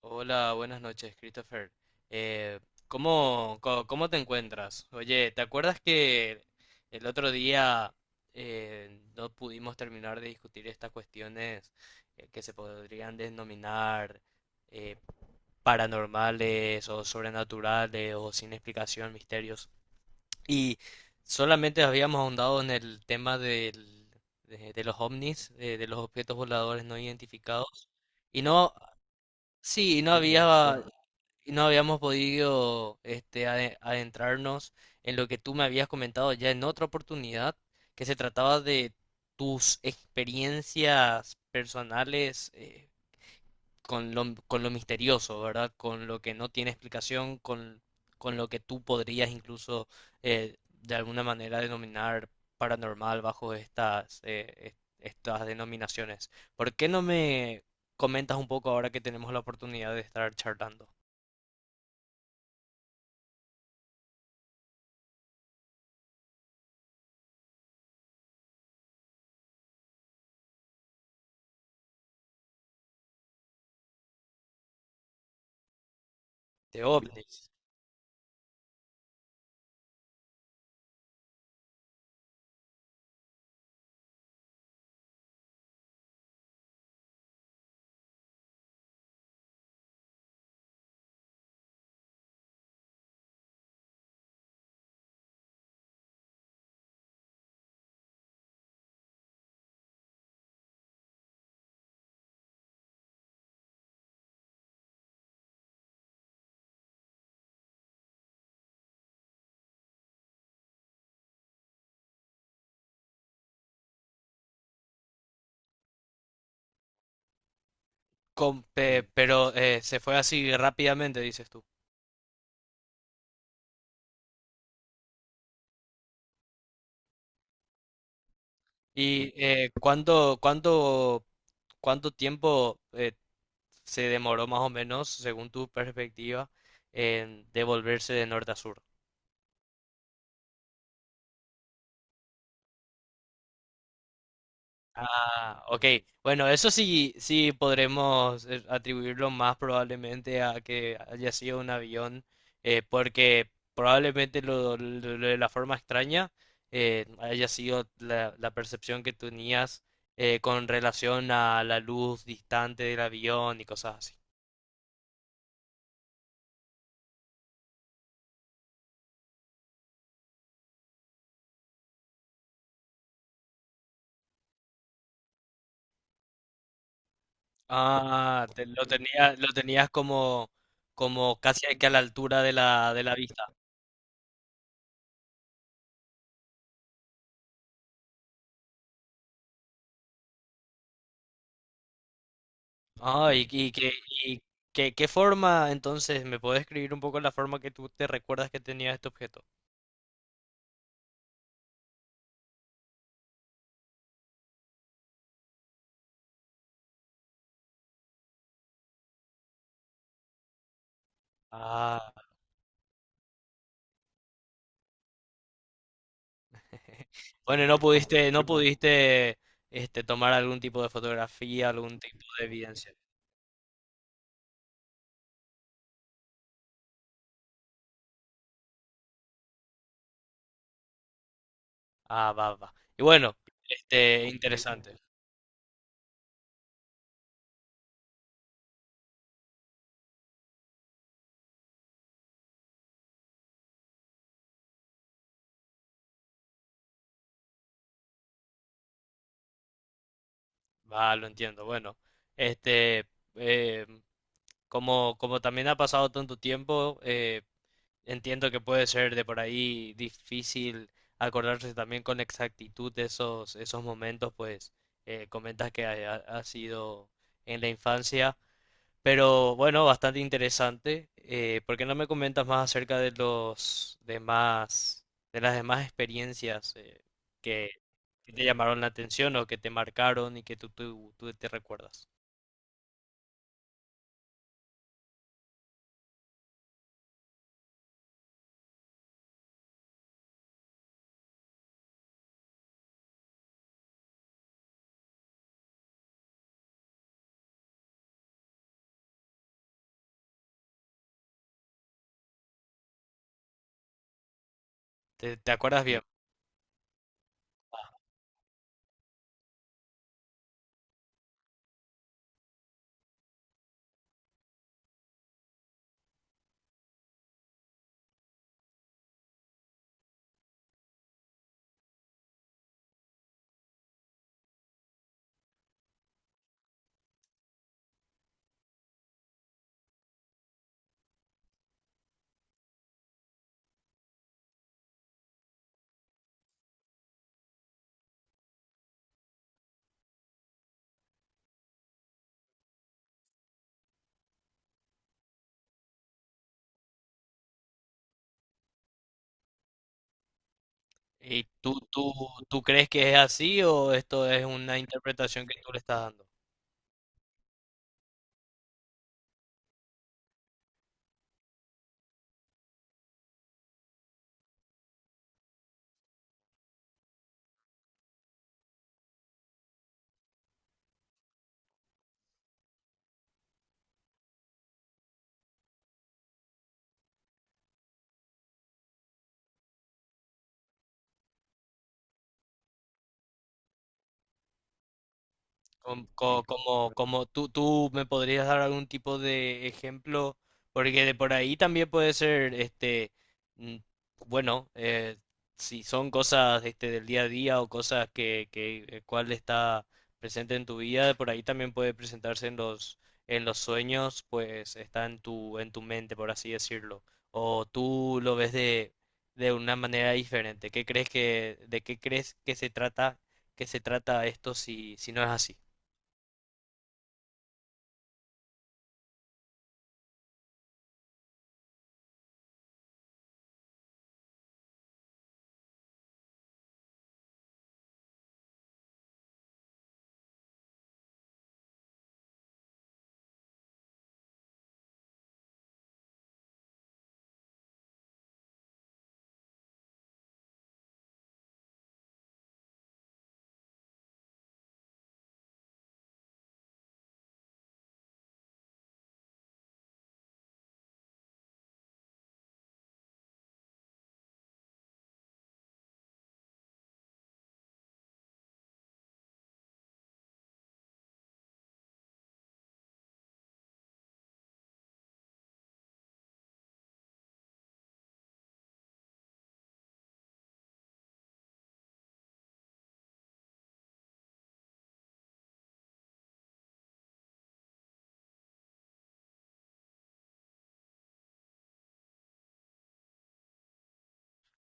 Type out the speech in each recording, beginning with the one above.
Hola, buenas noches, Christopher. Eh, ¿Cómo, cómo te encuentras? Oye, ¿te acuerdas que el otro día no pudimos terminar de discutir estas cuestiones que se podrían denominar eh, paranormales o sobrenaturales o sin explicación, misterios? Y solamente habíamos ahondado en el tema de los ovnis, de los objetos voladores no identificados. Y no Sí, y no habíamos podido adentrarnos en lo que tú me habías comentado ya en otra oportunidad, que se trataba de tus experiencias personales, con lo misterioso, ¿verdad? Con lo que no tiene explicación, con lo que tú podrías incluso de alguna manera denominar paranormal bajo estas, estas denominaciones. ¿Por qué no me comentas un poco ahora que tenemos la oportunidad de estar charlando de ovnis? Pero se fue así rápidamente, dices tú. ¿Y cuánto, cuánto tiempo se demoró más o menos, según tu perspectiva, en devolverse de norte a sur? Ah, ok. Bueno, eso sí, sí podremos atribuirlo más probablemente a que haya sido un avión, porque probablemente lo, lo de la forma extraña haya sido la, la percepción que tenías con relación a la luz distante del avión y cosas así. Ah, lo tenías como, como casi que a la altura de la vista. Ah, y que, y qué forma, entonces, ¿me puedes escribir un poco la forma que tú te recuerdas que tenía este objeto? Ah, bueno, no pudiste, no pudiste, tomar algún tipo de fotografía, algún tipo de evidencia. Ah, va, va. Y bueno, interesante. Va, lo entiendo. Bueno, este, eh, como, como también ha pasado tanto tiempo, entiendo que puede ser de por ahí difícil acordarse también con exactitud de esos, esos momentos, pues comentas que ha, ha sido en la infancia, pero bueno, bastante interesante. ¿Por qué no me comentas más acerca de los demás, de las demás experiencias que, que te llamaron la atención o que te marcaron y que tú, tú te recuerdas? ¿Te, te acuerdas bien? ¿Y tú crees que es así o esto es una interpretación que tú le estás dando? Como, como, tú me podrías dar algún tipo de ejemplo, porque de por ahí también puede ser, mm, bueno, si son cosas, del día a día o cosas que el cual está presente en tu vida, de por ahí también puede presentarse en los sueños, pues está en tu mente, por así decirlo, o tú lo ves de una manera diferente. ¿Qué crees que, de qué crees que se trata esto si, si no es así?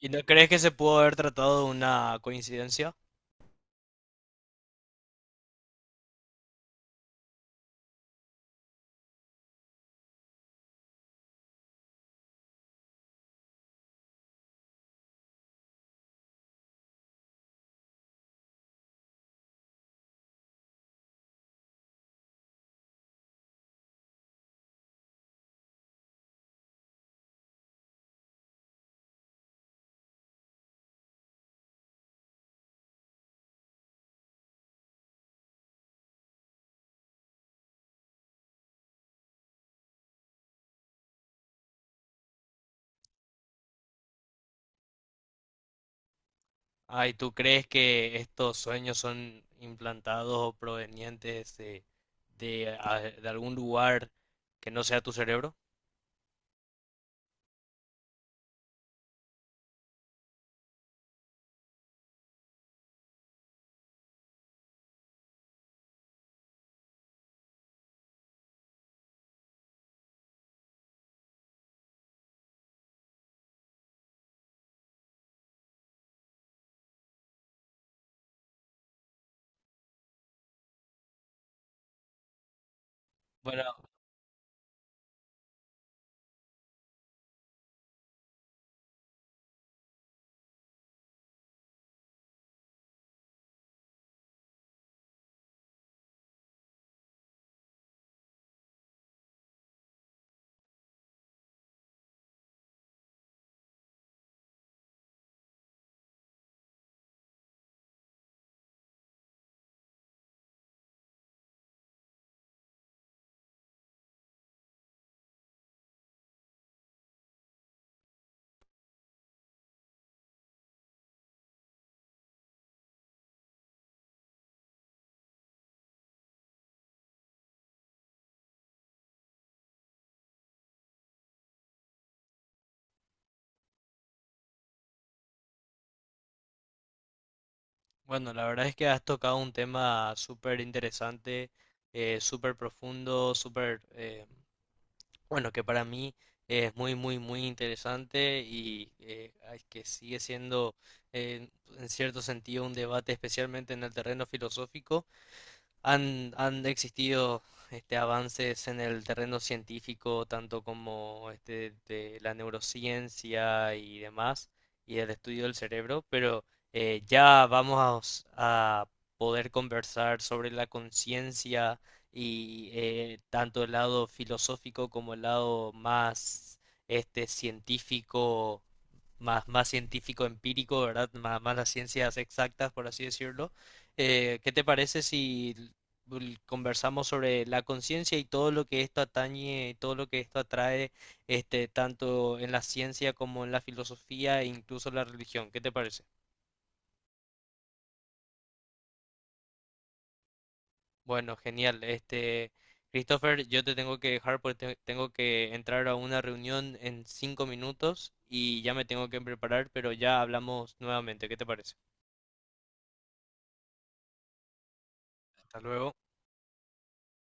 ¿Y no crees que se pudo haber tratado de una coincidencia? Ay, ¿tú crees que estos sueños son implantados o provenientes de, de algún lugar que no sea tu cerebro? Bueno, bueno, la verdad es que has tocado un tema súper interesante, súper profundo, súper bueno, que para mí es muy, muy, muy interesante y ay, que sigue siendo eh, en cierto sentido un debate, especialmente en el terreno filosófico, han, han existido avances en el terreno científico, tanto como de la neurociencia y demás, y el estudio del cerebro, pero ya vamos a poder conversar sobre la conciencia y tanto el lado filosófico como el lado más científico, más, más científico empírico, ¿verdad? Más, más las ciencias exactas, por así decirlo. ¿Qué te parece si conversamos sobre la conciencia y todo lo que esto atañe, y todo lo que esto atrae, tanto en la ciencia como en la filosofía e incluso la religión? ¿Qué te parece? Bueno, genial. Christopher, yo te tengo que dejar porque tengo que entrar a una reunión en 5 minutos y ya me tengo que preparar, pero ya hablamos nuevamente. ¿Qué te parece? Hasta luego.